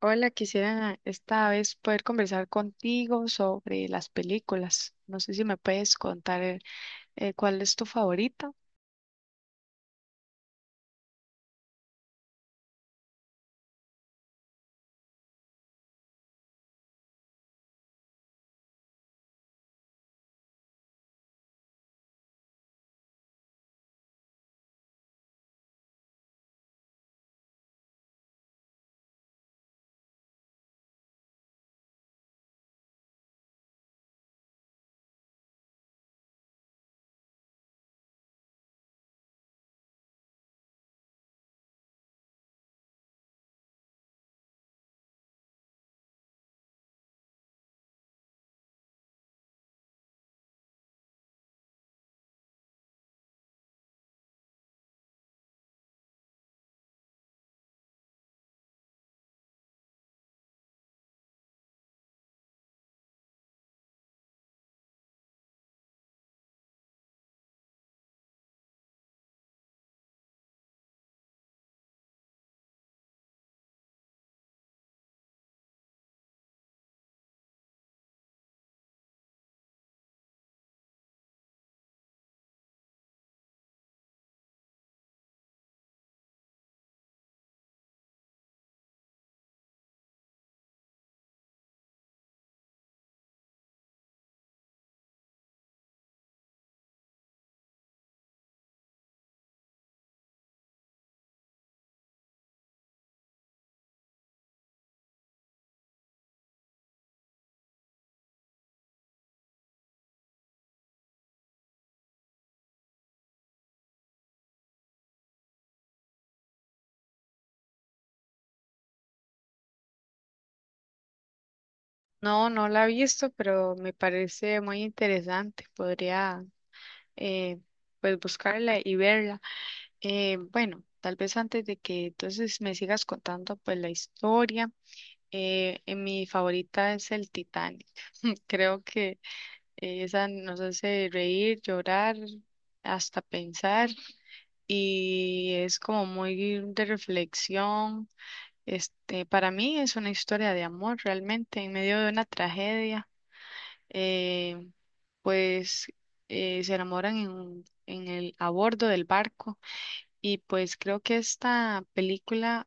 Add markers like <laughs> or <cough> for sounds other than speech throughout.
Hola, quisiera esta vez poder conversar contigo sobre las películas. No sé si me puedes contar cuál es tu favorita. No, no la he visto, pero me parece muy interesante. Podría eh, pues buscarla y verla. Bueno, tal vez antes de que entonces me sigas contando pues la historia, mi favorita es el Titanic. <laughs> Creo que esa nos hace reír, llorar, hasta pensar, y es como muy de reflexión. Este, para mí es una historia de amor realmente en medio de una tragedia. eh, pues Se enamoran en el a bordo del barco, y pues creo que esta película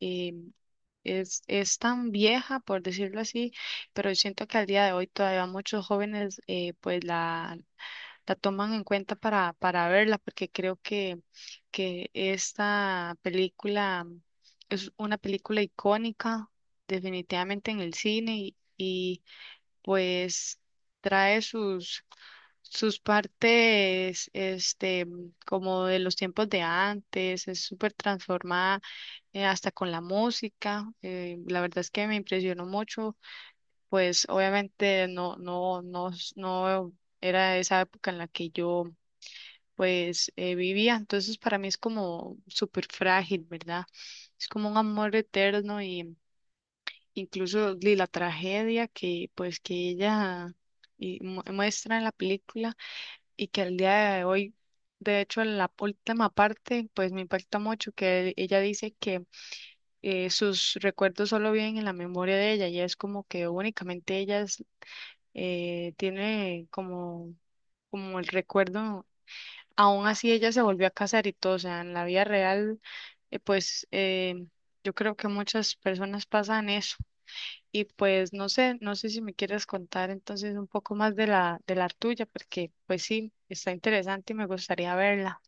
eh, es tan vieja, por decirlo así, pero siento que al día de hoy todavía muchos jóvenes pues la toman en cuenta para verla, porque creo que esta película es una película icónica definitivamente en el cine, y, pues trae sus, sus partes este, como de los tiempos de antes, es súper transformada hasta con la música. La verdad es que me impresionó mucho, pues obviamente no era esa época en la que yo pues vivía. Entonces para mí es como súper frágil, ¿verdad? Es como un amor eterno, y incluso de la tragedia que pues que muestra en la película y que al día de hoy, de hecho en la última parte, pues me impacta mucho que ella dice que sus recuerdos solo viven en la memoria de ella, y es como que únicamente ella tiene como, como el recuerdo. Aún así ella se volvió a casar y todo, o sea, en la vida real, eh, pues eh, yo creo que muchas personas pasan eso. Y pues no sé, no sé si me quieres contar entonces un poco más de la tuya, porque pues sí, está interesante y me gustaría verla.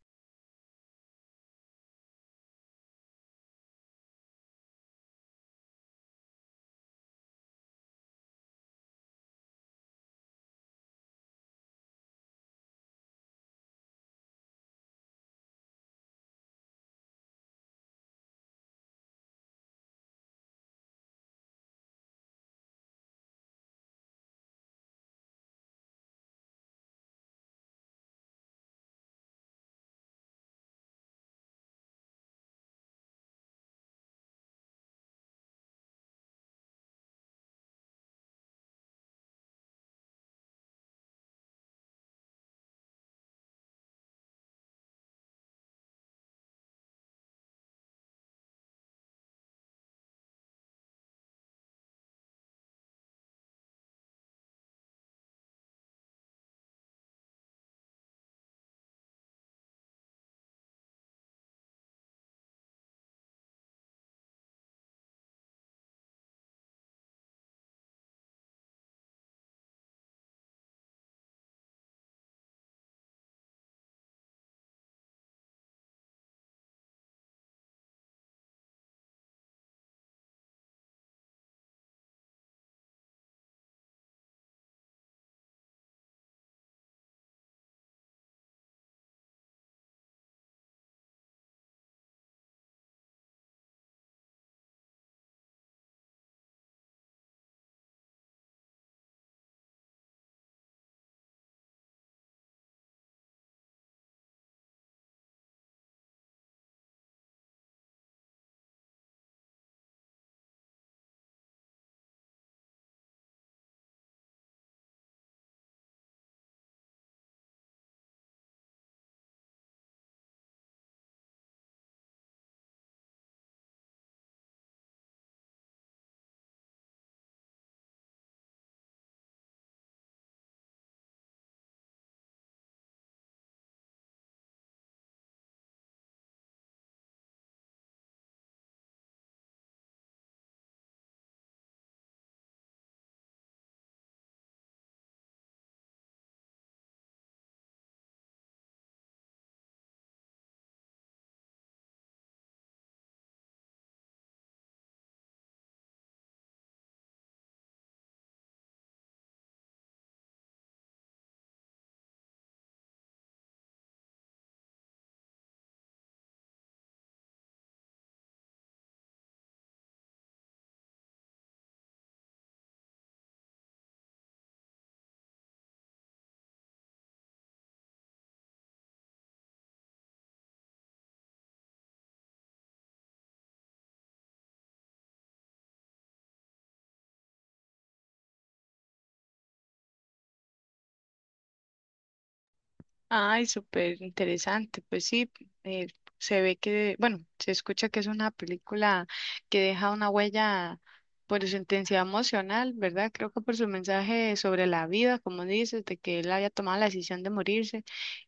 Ay, súper interesante. Pues sí, eh, se ve que, bueno, se escucha que es una película que deja una huella por su intensidad emocional, ¿verdad? Creo que por su mensaje sobre la vida, como dices, de que él había tomado la decisión de morirse,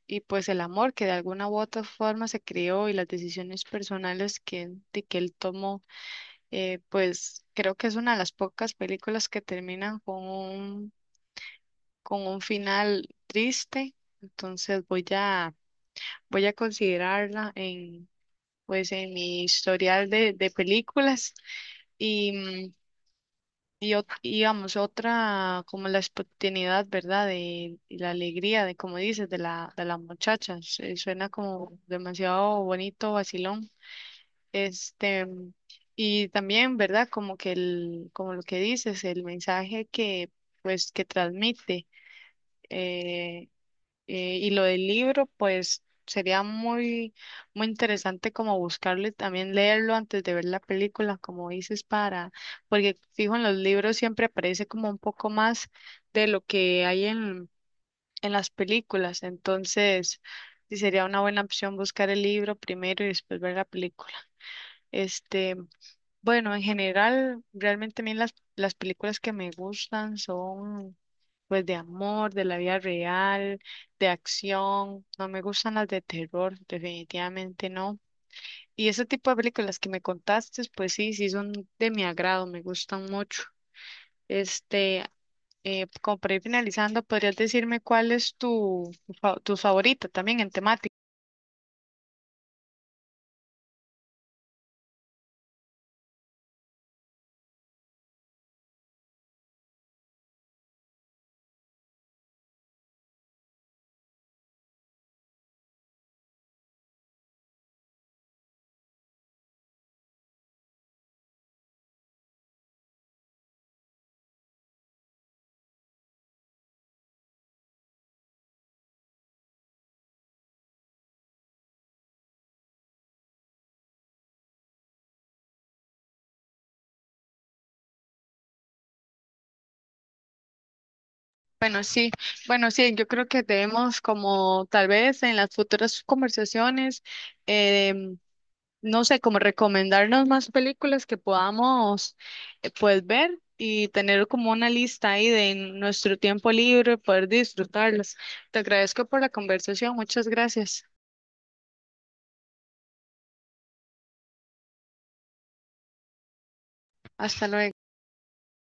y pues el amor que de alguna u otra forma se creó y las decisiones personales que, de que él tomó, pues creo que es una de las pocas películas que terminan con un final triste. Entonces voy a considerarla en, pues, en mi historial de películas, y, y, y, digamos, otra como la espontaneidad, ¿verdad? De, y la alegría, de como dices, de la muchacha. Suena como demasiado bonito, vacilón. Este, y también, ¿verdad? Como que el, como lo que dices, el mensaje que, pues, que transmite. eh, y lo del libro, pues sería muy, muy interesante como buscarle, también leerlo antes de ver la película, como dices, para, porque fijo en los libros siempre aparece como un poco más de lo que hay en las películas. Entonces, sí sería una buena opción buscar el libro primero y después ver la película. Este, bueno, en general, realmente a mí las películas que me gustan son pues de amor, de la vida real, de acción. No me gustan las de terror, definitivamente no. Y ese tipo de películas que me contaste, pues sí, sí son de mi agrado, me gustan mucho. Este, como para ir finalizando, ¿podrías decirme cuál es tu, tu favorita también en temática? Bueno, sí, bueno, sí, yo creo que debemos como tal vez en las futuras conversaciones em, no sé, como recomendarnos más películas que podamos pues ver y tener como una lista ahí de nuestro tiempo libre, poder disfrutarlas. Te agradezco por la conversación, muchas gracias. Hasta luego.